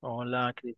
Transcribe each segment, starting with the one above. Hola, Cris.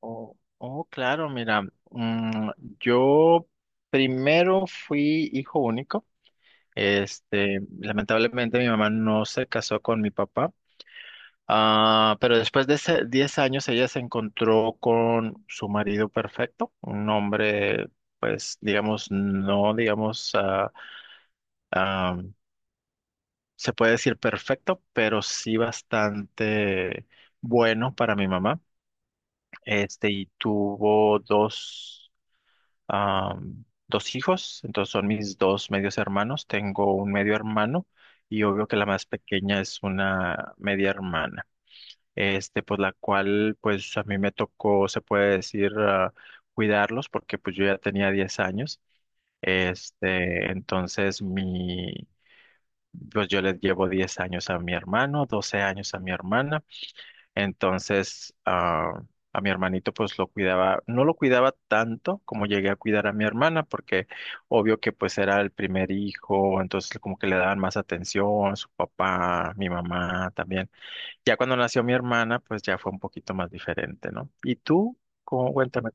Oh, oh, claro, mira, mm, yo primero fui hijo único. Este, lamentablemente mi mamá no se casó con mi papá, pero después de ese 10 años ella se encontró con su marido perfecto, un hombre, pues, digamos, no, digamos, ah, se puede decir perfecto, pero sí bastante bueno para mi mamá. Este, y tuvo dos hijos. Entonces son mis dos medios hermanos, tengo un medio hermano y obvio que la más pequeña es una media hermana. Este, pues la cual pues a mí me tocó, se puede decir, cuidarlos, porque pues yo ya tenía 10 años. Este, pues yo les llevo 10 años a mi hermano, 12 años a mi hermana. Entonces, a mi hermanito pues lo cuidaba, no lo cuidaba tanto como llegué a cuidar a mi hermana, porque obvio que pues era el primer hijo, entonces como que le daban más atención, su papá, mi mamá también. Ya cuando nació mi hermana, pues ya fue un poquito más diferente, ¿no? ¿Y tú? ¿Cómo? Cuéntame.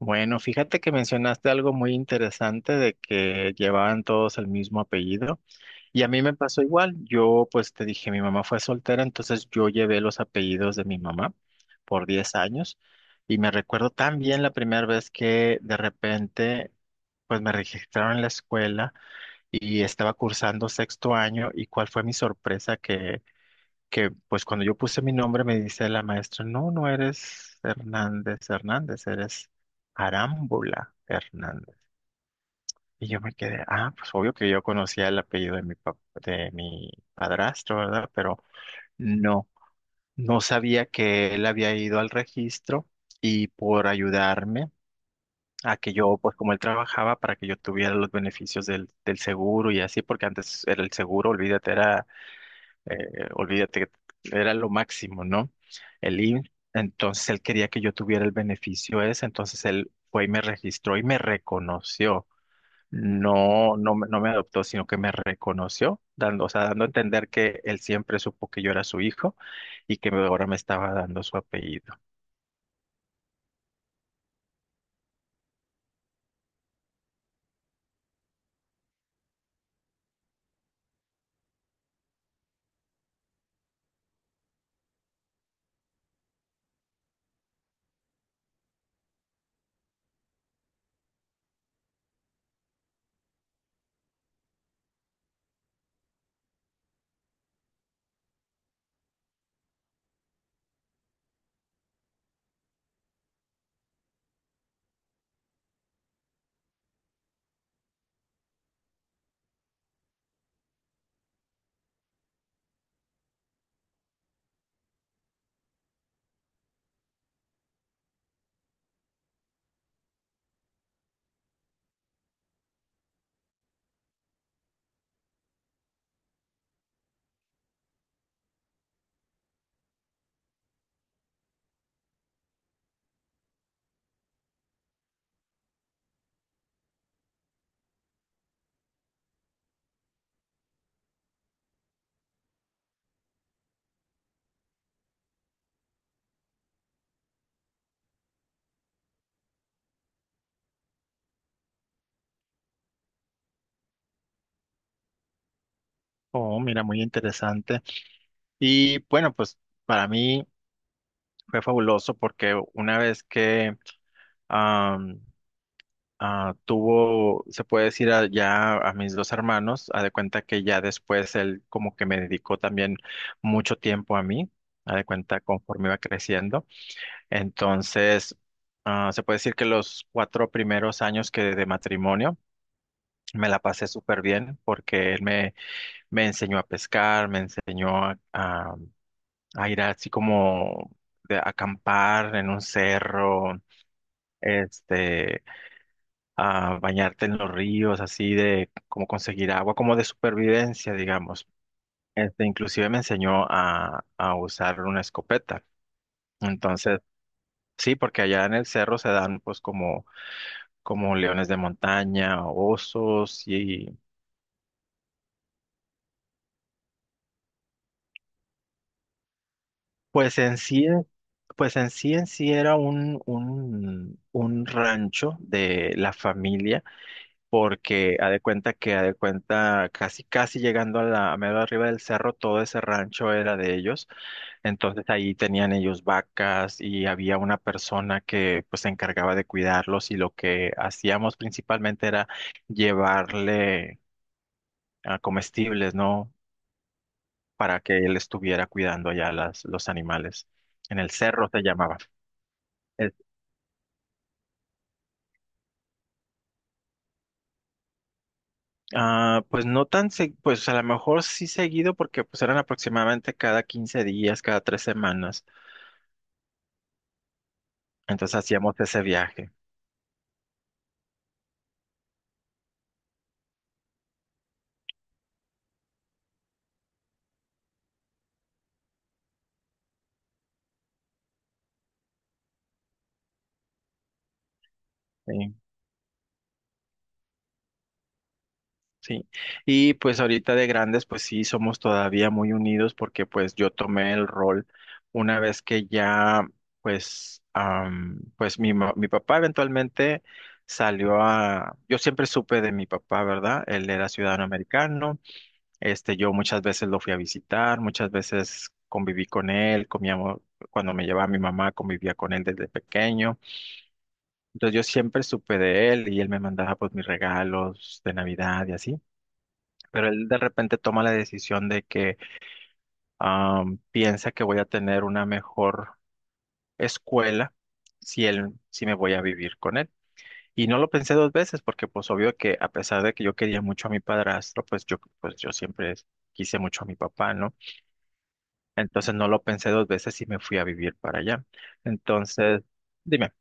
Bueno, fíjate que mencionaste algo muy interesante de que llevaban todos el mismo apellido. Y a mí me pasó igual. Yo, pues te dije, mi mamá fue soltera, entonces yo llevé los apellidos de mi mamá por 10 años. Y me recuerdo tan bien la primera vez que de repente, pues me registraron en la escuela y estaba cursando sexto año. Y cuál fue mi sorpresa que pues cuando yo puse mi nombre me dice la maestra: no, no eres Hernández Hernández, eres Arámbula Hernández. Y yo me quedé, pues obvio que yo conocía el apellido de mi padrastro, ¿verdad? Pero no, no sabía que él había ido al registro y por ayudarme a que yo, pues como él trabajaba, para que yo tuviera los beneficios del seguro y así, porque antes era el seguro, olvídate, olvídate, era lo máximo, ¿no? El IMSS. Entonces él quería que yo tuviera el beneficio ese, entonces él fue y me registró y me reconoció. No, no, no me adoptó, sino que me reconoció, dando, o sea, dando a entender que él siempre supo que yo era su hijo y que ahora me estaba dando su apellido. Oh, mira, muy interesante. Y bueno, pues para mí fue fabuloso porque una vez que am, tuvo, se puede decir, ya a mis dos hermanos, a de cuenta que ya después él como que me dedicó también mucho tiempo a mí, a de cuenta conforme iba creciendo. Entonces, se puede decir que los 4 primeros años que de matrimonio me la pasé súper bien porque él me enseñó a pescar, me enseñó a ir así como de acampar en un cerro. Este, a bañarte en los ríos, así de como conseguir agua, como de supervivencia, digamos. Este, inclusive me enseñó a usar una escopeta. Entonces, sí, porque allá en el cerro se dan pues como leones de montaña, osos, y pues en sí, pues en sí era un rancho de la familia, porque ha de cuenta que ha de cuenta casi casi llegando a medio arriba del cerro todo ese rancho era de ellos. Entonces ahí tenían ellos vacas y había una persona que pues se encargaba de cuidarlos, y lo que hacíamos principalmente era llevarle a comestibles, ¿no? Para que él estuviera cuidando allá las, los animales. En el cerro se llamaba. El- pues no tan, pues a lo mejor sí seguido, porque pues eran aproximadamente cada 15 días, cada 3 semanas. Entonces hacíamos ese viaje. ¿Sí? Sí, y pues ahorita de grandes, pues sí, somos todavía muy unidos porque pues yo tomé el rol una vez que ya, pues, pues mi papá eventualmente yo siempre supe de mi papá, ¿verdad? Él era ciudadano americano. Este, yo muchas veces lo fui a visitar, muchas veces conviví con él, comíamos, cuando me llevaba mi mamá, convivía con él desde pequeño. Entonces yo siempre supe de él y él me mandaba pues mis regalos de Navidad y así. Pero él de repente toma la decisión de que piensa que voy a tener una mejor escuela si me voy a vivir con él. Y no lo pensé dos veces porque pues obvio que a pesar de que yo quería mucho a mi padrastro, pues yo siempre quise mucho a mi papá, ¿no? Entonces no lo pensé dos veces y me fui a vivir para allá. Entonces, dime,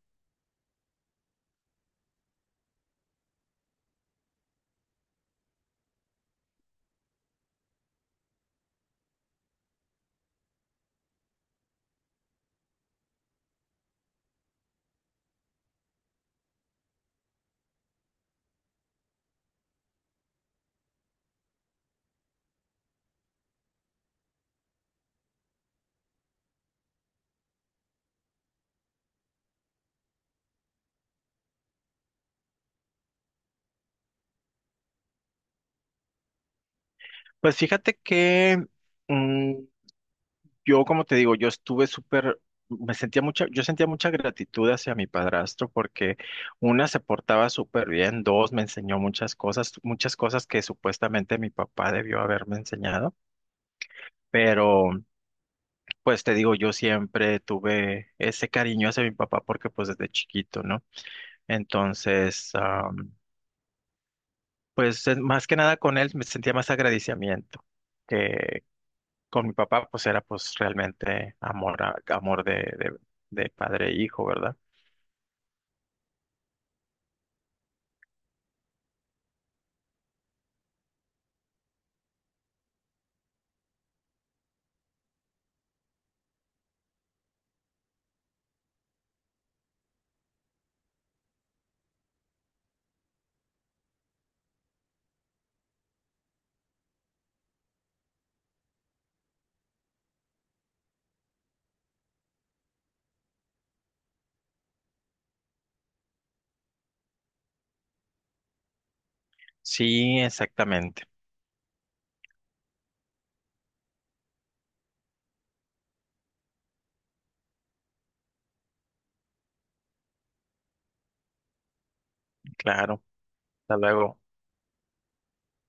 pues fíjate que mm, Yo, como te digo, yo estuve súper, yo sentía mucha gratitud hacia mi padrastro porque: una, se portaba súper bien; dos, me enseñó muchas cosas que supuestamente mi papá debió haberme enseñado. Pero pues te digo, yo siempre tuve ese cariño hacia mi papá, porque pues desde chiquito, ¿no? Entonces, pues más que nada con él me sentía más agradecimiento. Con mi papá, pues era pues realmente amor, amor de, de padre e hijo, ¿verdad? Sí, exactamente, claro. Hasta luego.